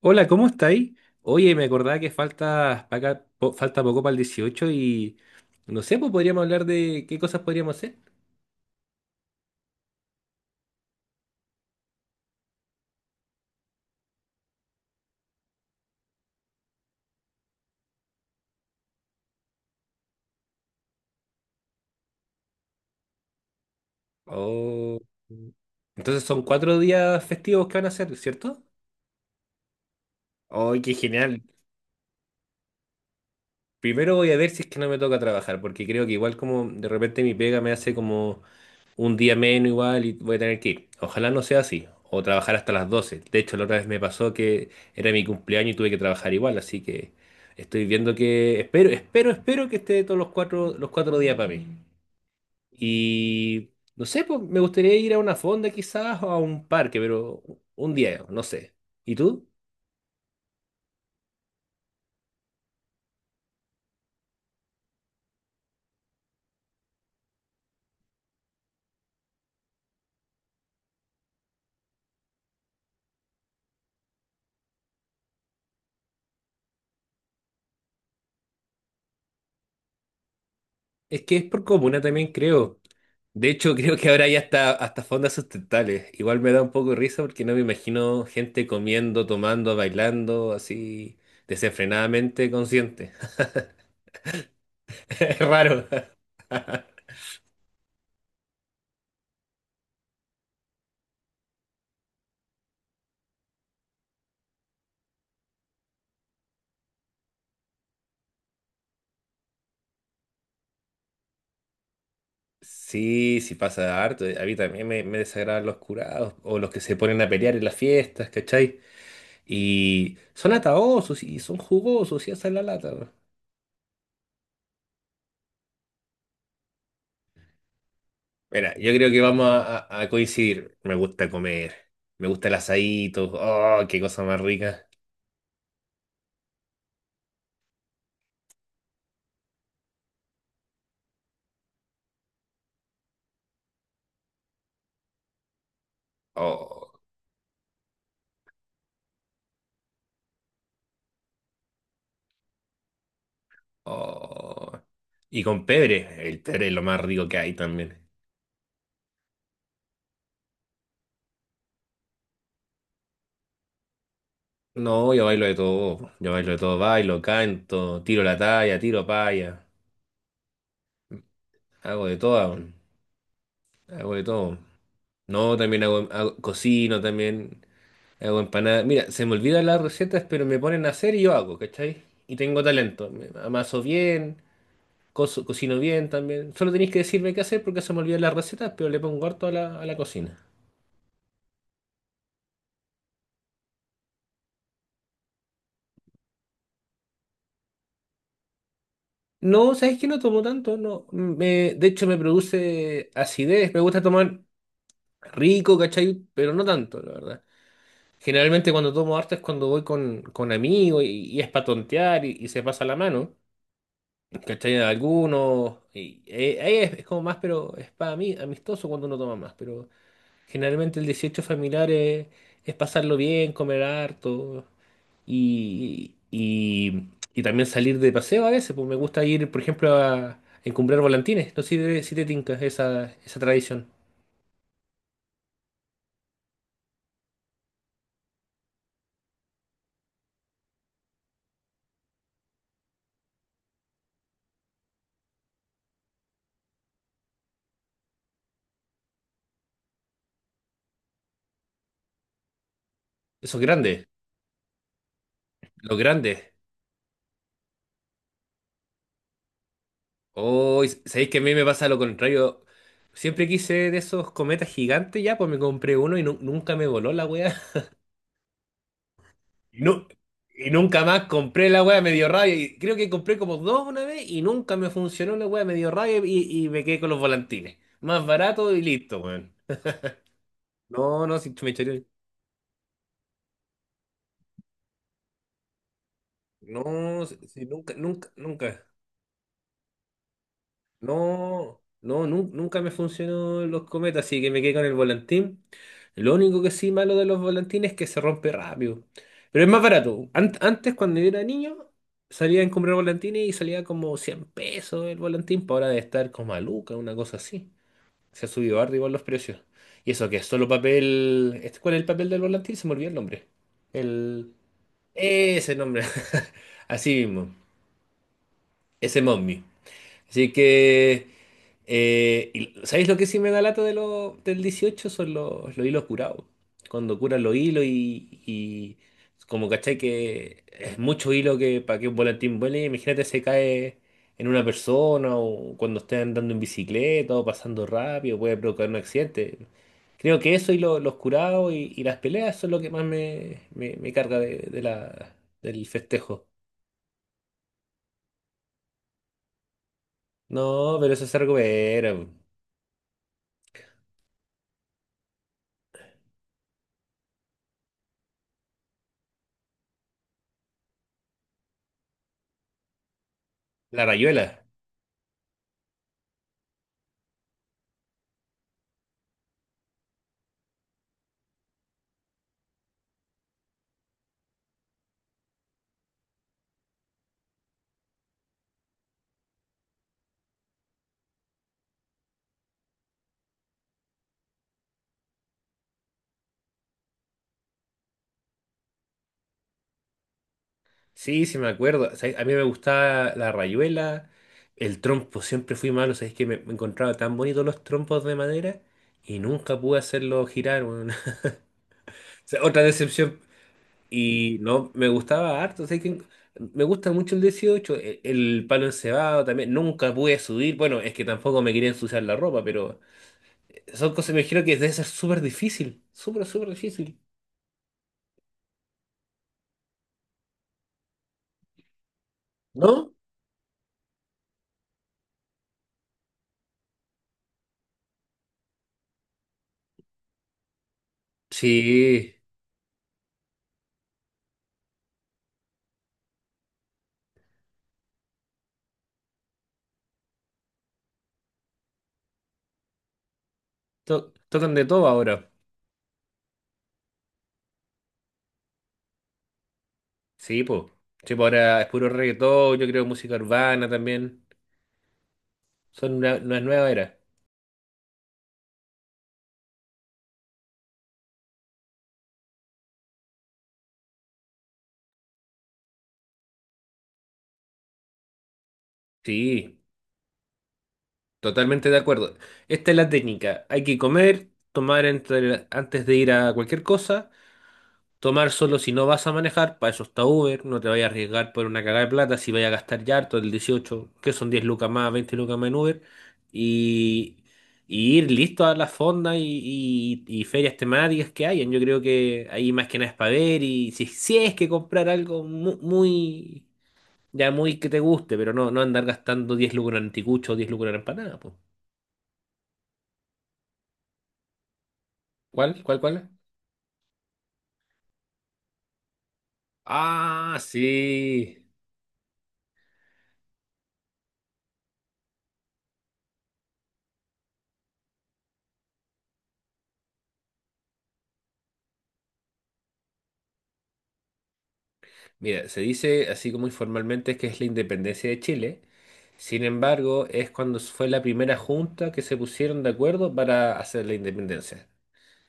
Hola, ¿cómo estáis? Oye, me acordaba que falta, pa' acá- po- falta poco para el 18 y no sé, pues podríamos hablar de qué cosas podríamos hacer. Oh, entonces son cuatro días festivos que van a hacer, ¿cierto? ¡Ay, qué genial! Primero voy a ver si es que no me toca trabajar, porque creo que igual como de repente mi pega me hace como un día menos igual y voy a tener que ir. Ojalá no sea así. O trabajar hasta las 12. De hecho, la otra vez me pasó que era mi cumpleaños y tuve que trabajar igual. Así que estoy viendo que. Espero que esté todos los cuatro días para mí. Y. No sé, pues me gustaría ir a una fonda quizás o a un parque, pero un día, no sé. ¿Y tú? Es que es por comuna también, creo. De hecho, creo que ahora ya está hasta fondas sustentables. Igual me da un poco de risa porque no me imagino gente comiendo, tomando, bailando, así desenfrenadamente consciente. Es raro. Sí, sí pasa harto. A mí también me desagradan los curados o los que se ponen a pelear en las fiestas, ¿cachai? Y son ataosos y son jugosos y hacen la lata, ¿no? Mira, yo creo que vamos a coincidir. Me gusta comer, me gusta el asadito, oh, qué cosa más rica. Oh. Oh. Y con pebre, el pebre es lo más rico que hay también. No, yo bailo de todo, yo bailo de todo, bailo, canto, tiro la talla, tiro paya, hago de todo, weón, hago de todo. No, también cocino, también hago empanadas. Mira, se me olvidan las recetas, pero me ponen a hacer y yo hago, ¿cachai? Y tengo talento, me amaso bien, cocino bien también. Solo tenéis que decirme qué hacer porque se me olvidan las recetas, pero le pongo harto a la cocina. No, ¿sabes que no tomo tanto? No. Me, de hecho, me produce acidez. Me gusta tomar rico, ¿cachai? Pero no tanto, la verdad. Generalmente cuando tomo harto es cuando voy con amigos y es para tontear y se pasa la mano, ¿cachai? A algunos. Y, ahí es como más, pero es para mí amistoso cuando uno toma más. Pero generalmente el 18 familiar es pasarlo bien, comer harto y, y, y también salir de paseo a veces, pues me gusta ir, por ejemplo, a encumbrar volantines. No sé si te tinca esa tradición. Esos grandes, los grandes. Oh, sabéis que a mí me pasa lo contrario. Siempre quise de esos cometas gigantes ya, pues me compré uno y nunca me voló la wea. Y, nu- y nunca más compré la wea, me dio rabia. Y creo que compré como dos una vez y nunca me funcionó la wea, me dio rabia y me quedé con los volantines. Más barato y listo, weón. No, no, si me echaría. No, si nunca, nunca, nunca. No, no, nunca me funcionó los cometas, así que me quedé con el volantín. Lo único que sí malo de los volantines es que se rompe rápido. Pero es más barato. Antes, cuando yo era niño, salía a comprar volantines y salía como 100 pesos el volantín, para ahora de estar como a lucas, una cosa así. Se ha subido arriba los precios. Y eso que es solo papel. ¿Cuál es el papel del volantín? Se me olvidó el nombre. El. Ese nombre. Así mismo. Ese mommy. Así que, y- ¿sabéis lo que sí me da lata de del 18? Son los hilos curados. Cuando curan los hilos y como cachai que es mucho hilo que para que un volantín vuele, imagínate se cae en una persona o cuando esté andando en bicicleta o pasando rápido, puede provocar un accidente. Creo que eso y los curados y las peleas son lo que más me carga del festejo. No, pero eso es algo era la rayuela. Sí, sí me acuerdo. O sea, a mí me gustaba la rayuela, el trompo, siempre fui malo, sabéis que me encontraba tan bonitos los trompos de madera y nunca pude hacerlo girar, weón. O sea, otra decepción. Y no, me gustaba harto, sabéis que me gusta mucho el 18 el palo encebado también, nunca pude subir, bueno, es que tampoco me quería ensuciar la ropa, pero son cosas, me imagino que debe ser súper difícil, súper, súper difícil, ¿no? Sí, tocan de todo ahora. Sí, pues. Sí, po, ahora es puro reggaetón, yo creo música urbana también. Son una nueva era. Sí, totalmente de acuerdo. Esta es la técnica. Hay que comer, tomar antes de ir a cualquier cosa. Tomar solo si no vas a manejar, para eso está Uber, no te vayas a arriesgar por una cagada de plata, si vayas a gastar ya harto el 18 que son 10 lucas más, 20 lucas más en Uber, y, y ir listo a las fondas y, y ferias temáticas que hayan. Yo creo que ahí más que nada es para ver, y si, si es que comprar algo muy, ya muy que te guste, pero no, no andar gastando 10 lucas en anticucho o 10 lucas en empanada, pues. ¿Cuál? ¿Cuál? ¿Cuál? Ah, sí. Mira, se dice así como informalmente que es la independencia de Chile. Sin embargo, es cuando fue la primera junta que se pusieron de acuerdo para hacer la independencia.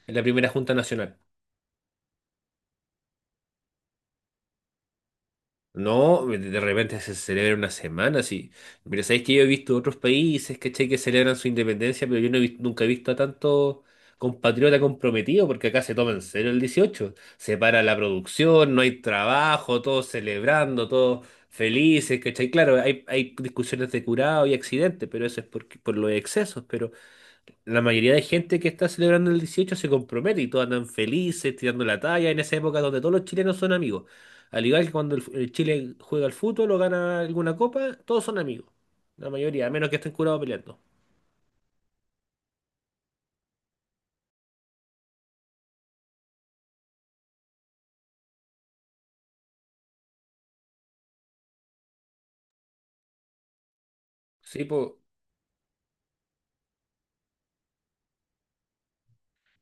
Es la primera junta nacional. No, de repente se celebra una semana, sí. Pero sabéis que yo he visto otros países, ¿cachai? Que celebran su independencia, pero yo no he nunca he visto a tanto compatriota comprometido, porque acá se toma en serio el 18. Se para la producción, no hay trabajo, todos celebrando, todos felices, ¿cachai? Claro, hay discusiones de curado y accidentes, pero eso es por los excesos, pero la mayoría de gente que está celebrando el 18 se compromete y todos andan felices, tirando la talla en esa época donde todos los chilenos son amigos. Al igual que cuando el Chile juega al fútbol o gana alguna copa, todos son amigos. La mayoría, a menos que estén curados peleando. Sí, pues,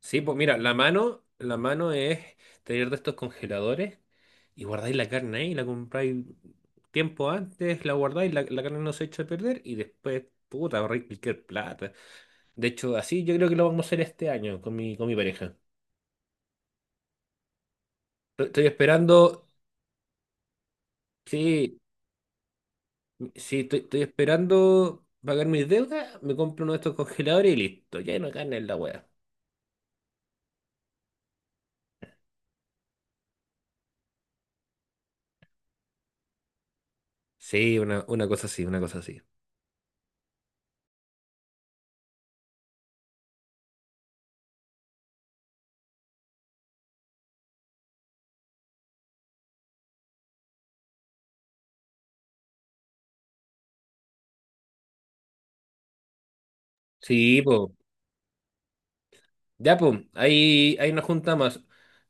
sí, po, mira, la mano es tener de estos congeladores y guardáis la carne ahí, la compráis tiempo antes, la guardáis, la carne no se echa a perder y después, puta, ahorráis cualquier plata. De hecho, así yo creo que lo vamos a hacer este año con mi pareja. Estoy esperando, sí, sí, estoy esperando pagar mis deudas, me compro uno de estos congeladores y listo, ya no carne en la wea. Sí, una cosa así, una cosa así. Sí, po, ya po, ahí nos juntamos.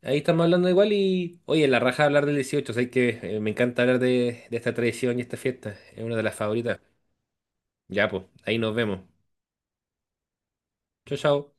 Ahí estamos hablando igual y, oye, la raja hablar del 18, sé que me encanta hablar de esta tradición y esta fiesta, es una de las favoritas. Ya po, ahí nos vemos. Chao, chao.